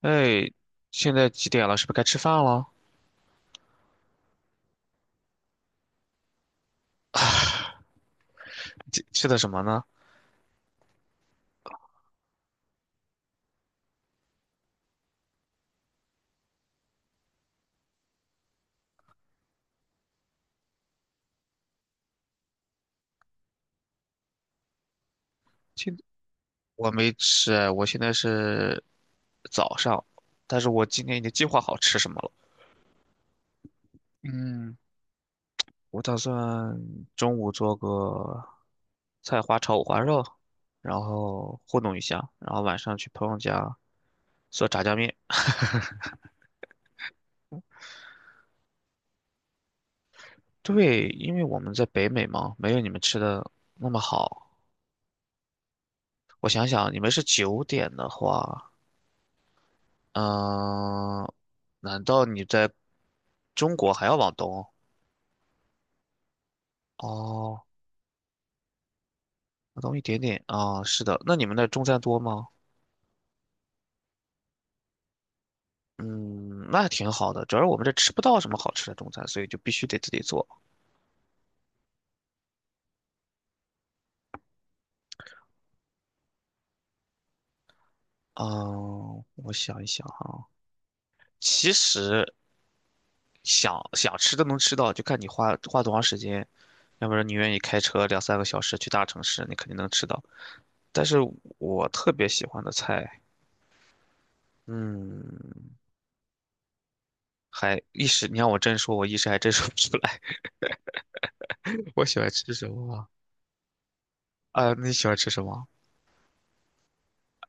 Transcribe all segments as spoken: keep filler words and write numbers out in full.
哎，现在几点了？是不是该吃饭了？吃吃的什么呢？今我没吃哎，我现在是早上，但是我今天已经计划好吃什么了。嗯，我打算中午做个菜花炒五花肉，然后糊弄一下，然后晚上去朋友家做炸酱面。对，因为我们在北美嘛，没有你们吃的那么好。我想想，你们是九点的话。嗯、难道你在中国还要往东？哦，往东一点点啊、是的。那你们那中餐多吗？嗯，那挺好的。主要是我们这吃不到什么好吃的中餐，所以就必须得自己做。嗯、我想一想哈、其实想想吃都能吃到，就看你花花多长时间。要不然你愿意开车两三个小时去大城市，你肯定能吃到。但是我特别喜欢的菜，嗯。还一时，你让我真说，我一时还真说不出来。我喜欢吃什么啊？啊，你喜欢吃什么？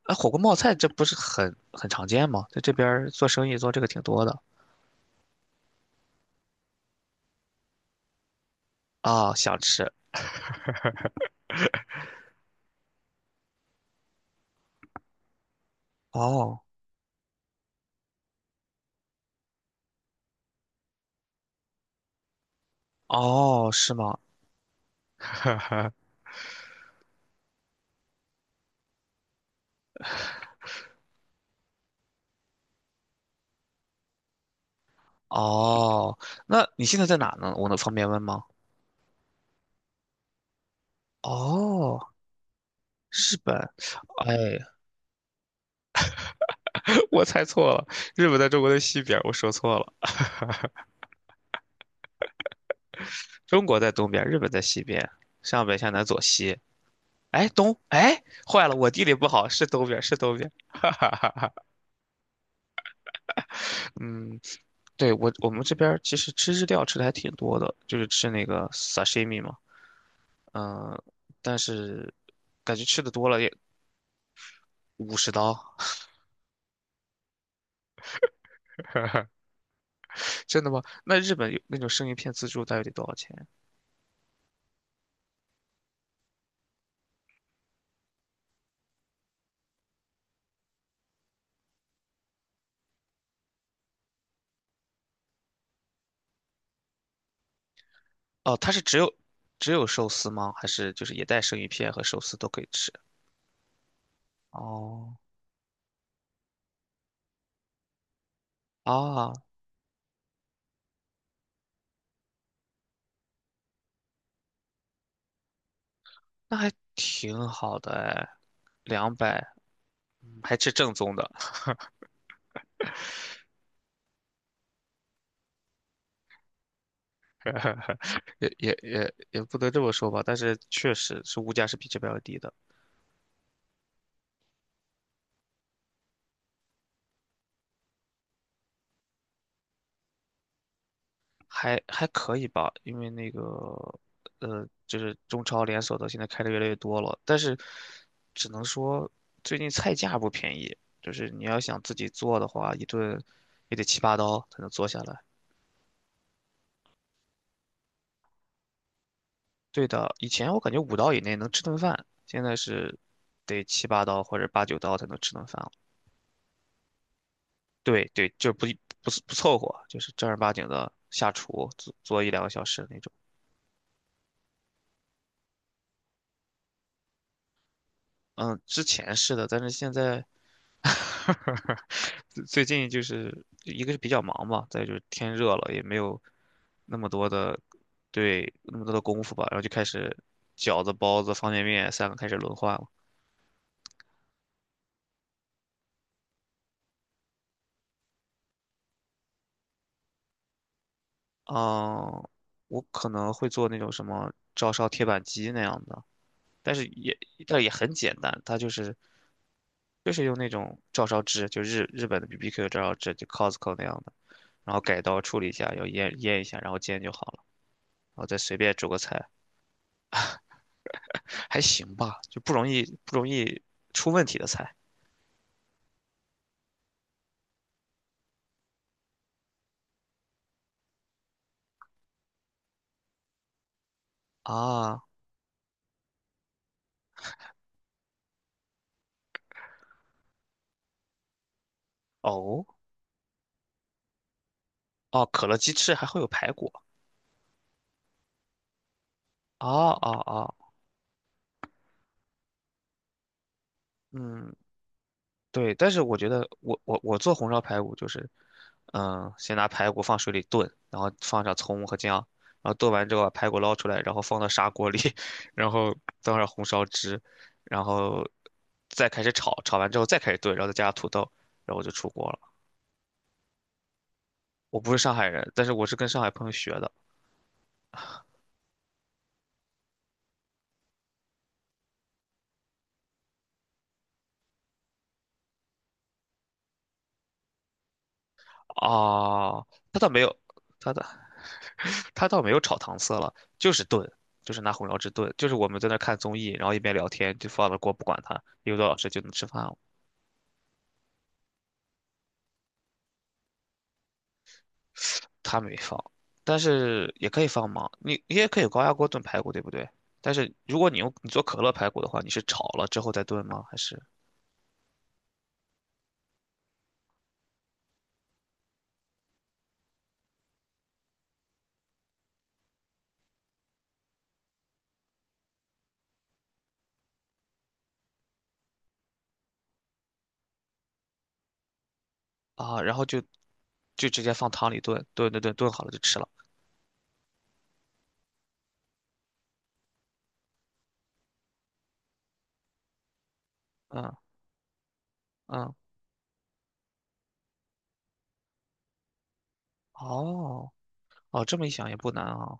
啊，火锅冒菜这不是很很常见吗？在这边儿做生意做这个挺多的。啊，想吃。哦哦，是吗？哦，那你现在在哪呢？我能方便问吗？哦，日本。哎，我猜错了，日本在中国的西边，我说错了，中国在东边，日本在西边，上北下南左西。哎，东，哎，坏了，我地理不好，是东边，是东边，哈哈哈。嗯，对，我我们这边儿其实吃日料吃的还挺多的，就是吃那个 sashimi 嘛。嗯、但是感觉吃的多了也五十刀。真的吗？那日本有那种生鱼片自助大约得多少钱？哦，它是只有只有寿司吗？还是就是也带生鱼片和寿司都可以吃？哦，啊，那还挺好的哎，两百，还吃正宗的。也也也也不能这么说吧，但是确实是物价是比这边要低的，还还可以吧，因为那个呃，就是中超连锁的现在开的越来越多了，但是只能说最近菜价不便宜，就是你要想自己做的话，一顿也得七八刀才能做下来。对的，以前我感觉五刀以内能吃顿饭，现在是得七八刀或者八九刀才能吃顿饭。对对，就不不是不凑合，就是正儿八经的下厨做做一两个小时那种。嗯，之前是的，但是现在 最最近就是一个是比较忙嘛，再就是天热了，也没有那么多的对那么多的功夫吧，然后就开始饺子、包子、方便面三个开始轮换了。嗯，我可能会做那种什么照烧铁板鸡那样的，但是也但也很简单，它就是就是用那种照烧汁，就日日本的 B B Q 照烧汁，就 Costco 那样的，然后改刀处理一下，要腌腌一下，然后煎就好了，然后再随便煮个菜，还行吧，就不容易不容易出问题的菜啊。哦哦，可乐鸡翅还会有排骨啊啊啊，嗯。对，但是我觉得我我我做红烧排骨就是，嗯，先拿排骨放水里炖，然后放上葱和姜，然后炖完之后把排骨捞出来，然后放到砂锅里，然后倒上红烧汁，然后再开始炒，炒完之后再开始炖，然后再加上土豆，然后就出锅了。我不是上海人，但是我是跟上海朋友学的。啊，他倒没有，他的他倒没有炒糖色了，就是炖，就是拿红烧汁炖，就是我们在那看综艺，然后一边聊天就放了锅不管它，一个多小时就能吃饭了。他没放，但是也可以放嘛，你你也可以高压锅炖排骨，对不对？但是如果你用你做可乐排骨的话，你是炒了之后再炖吗？还是啊，然后就就直接放汤里炖，炖炖炖炖好了就吃了。嗯嗯，哦哦，这么一想也不难啊，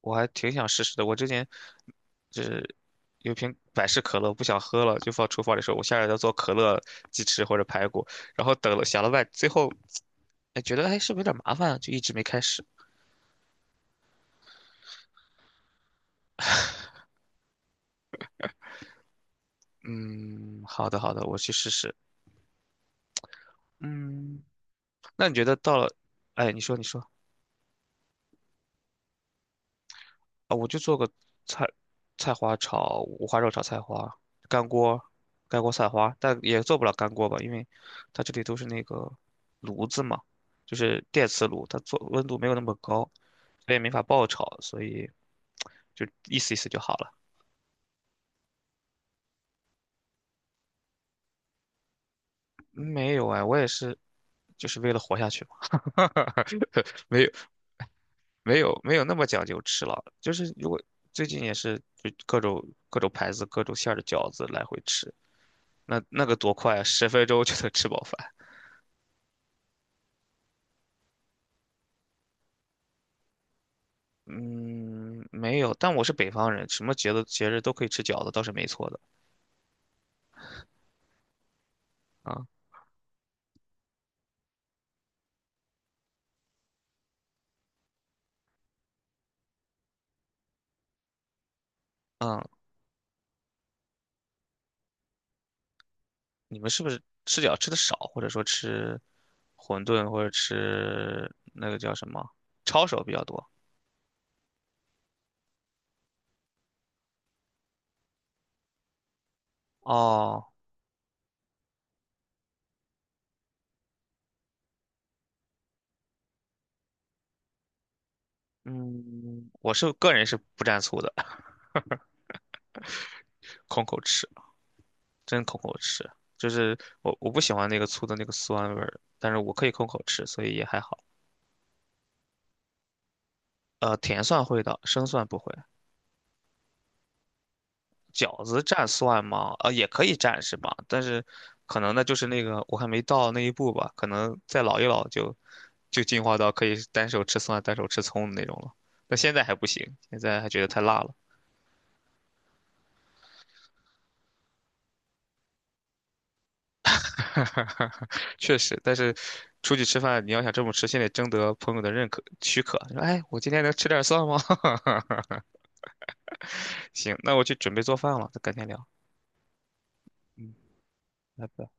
我还挺想试试的。我之前就是有瓶百事可乐，不想喝了，就放厨房里说，我下来要做可乐鸡翅或者排骨，然后等了想了半，最后哎觉得哎是不是有点麻烦啊，就一直没开始。嗯，好的好的，我去试试。嗯，那你觉得到了，哎，你说你说啊，我就做个菜菜花炒五花肉炒菜花，干锅干锅菜花，但也做不了干锅吧，因为它这里都是那个炉子嘛，就是电磁炉，它做温度没有那么高，所以没法爆炒，所以就意思意思就好了。没有哎，我也是，就是为了活下去嘛，没有。没有没有那么讲究吃了，就是如果最近也是就各种各种牌子、各种馅儿的饺子来回吃，那那个多快啊，十分钟就能吃饱饭。嗯，没有，但我是北方人，什么节日节日都可以吃饺子，倒是没错的啊。嗯，你们是不是吃饺吃的少，或者说吃馄饨或者吃那个叫什么抄手比较多？哦，嗯，我是个人是不蘸醋的，空口吃。真空口吃，就是我我不喜欢那个醋的那个酸味儿，但是我可以空口吃，所以也还好。呃，甜蒜会的，生蒜不会。饺子蘸蒜吗？呃，也可以蘸是吧？但是可能呢，就是那个我还没到那一步吧，可能再老一老就就进化到可以单手吃蒜、单手吃葱的那种了。但现在还不行，现在还觉得太辣了。确实，但是出去吃饭，你要想这么吃，先得征得朋友的认可许可。说，哎，我今天能吃点蒜吗？行，那我去准备做饭了，咱改天聊，拜拜。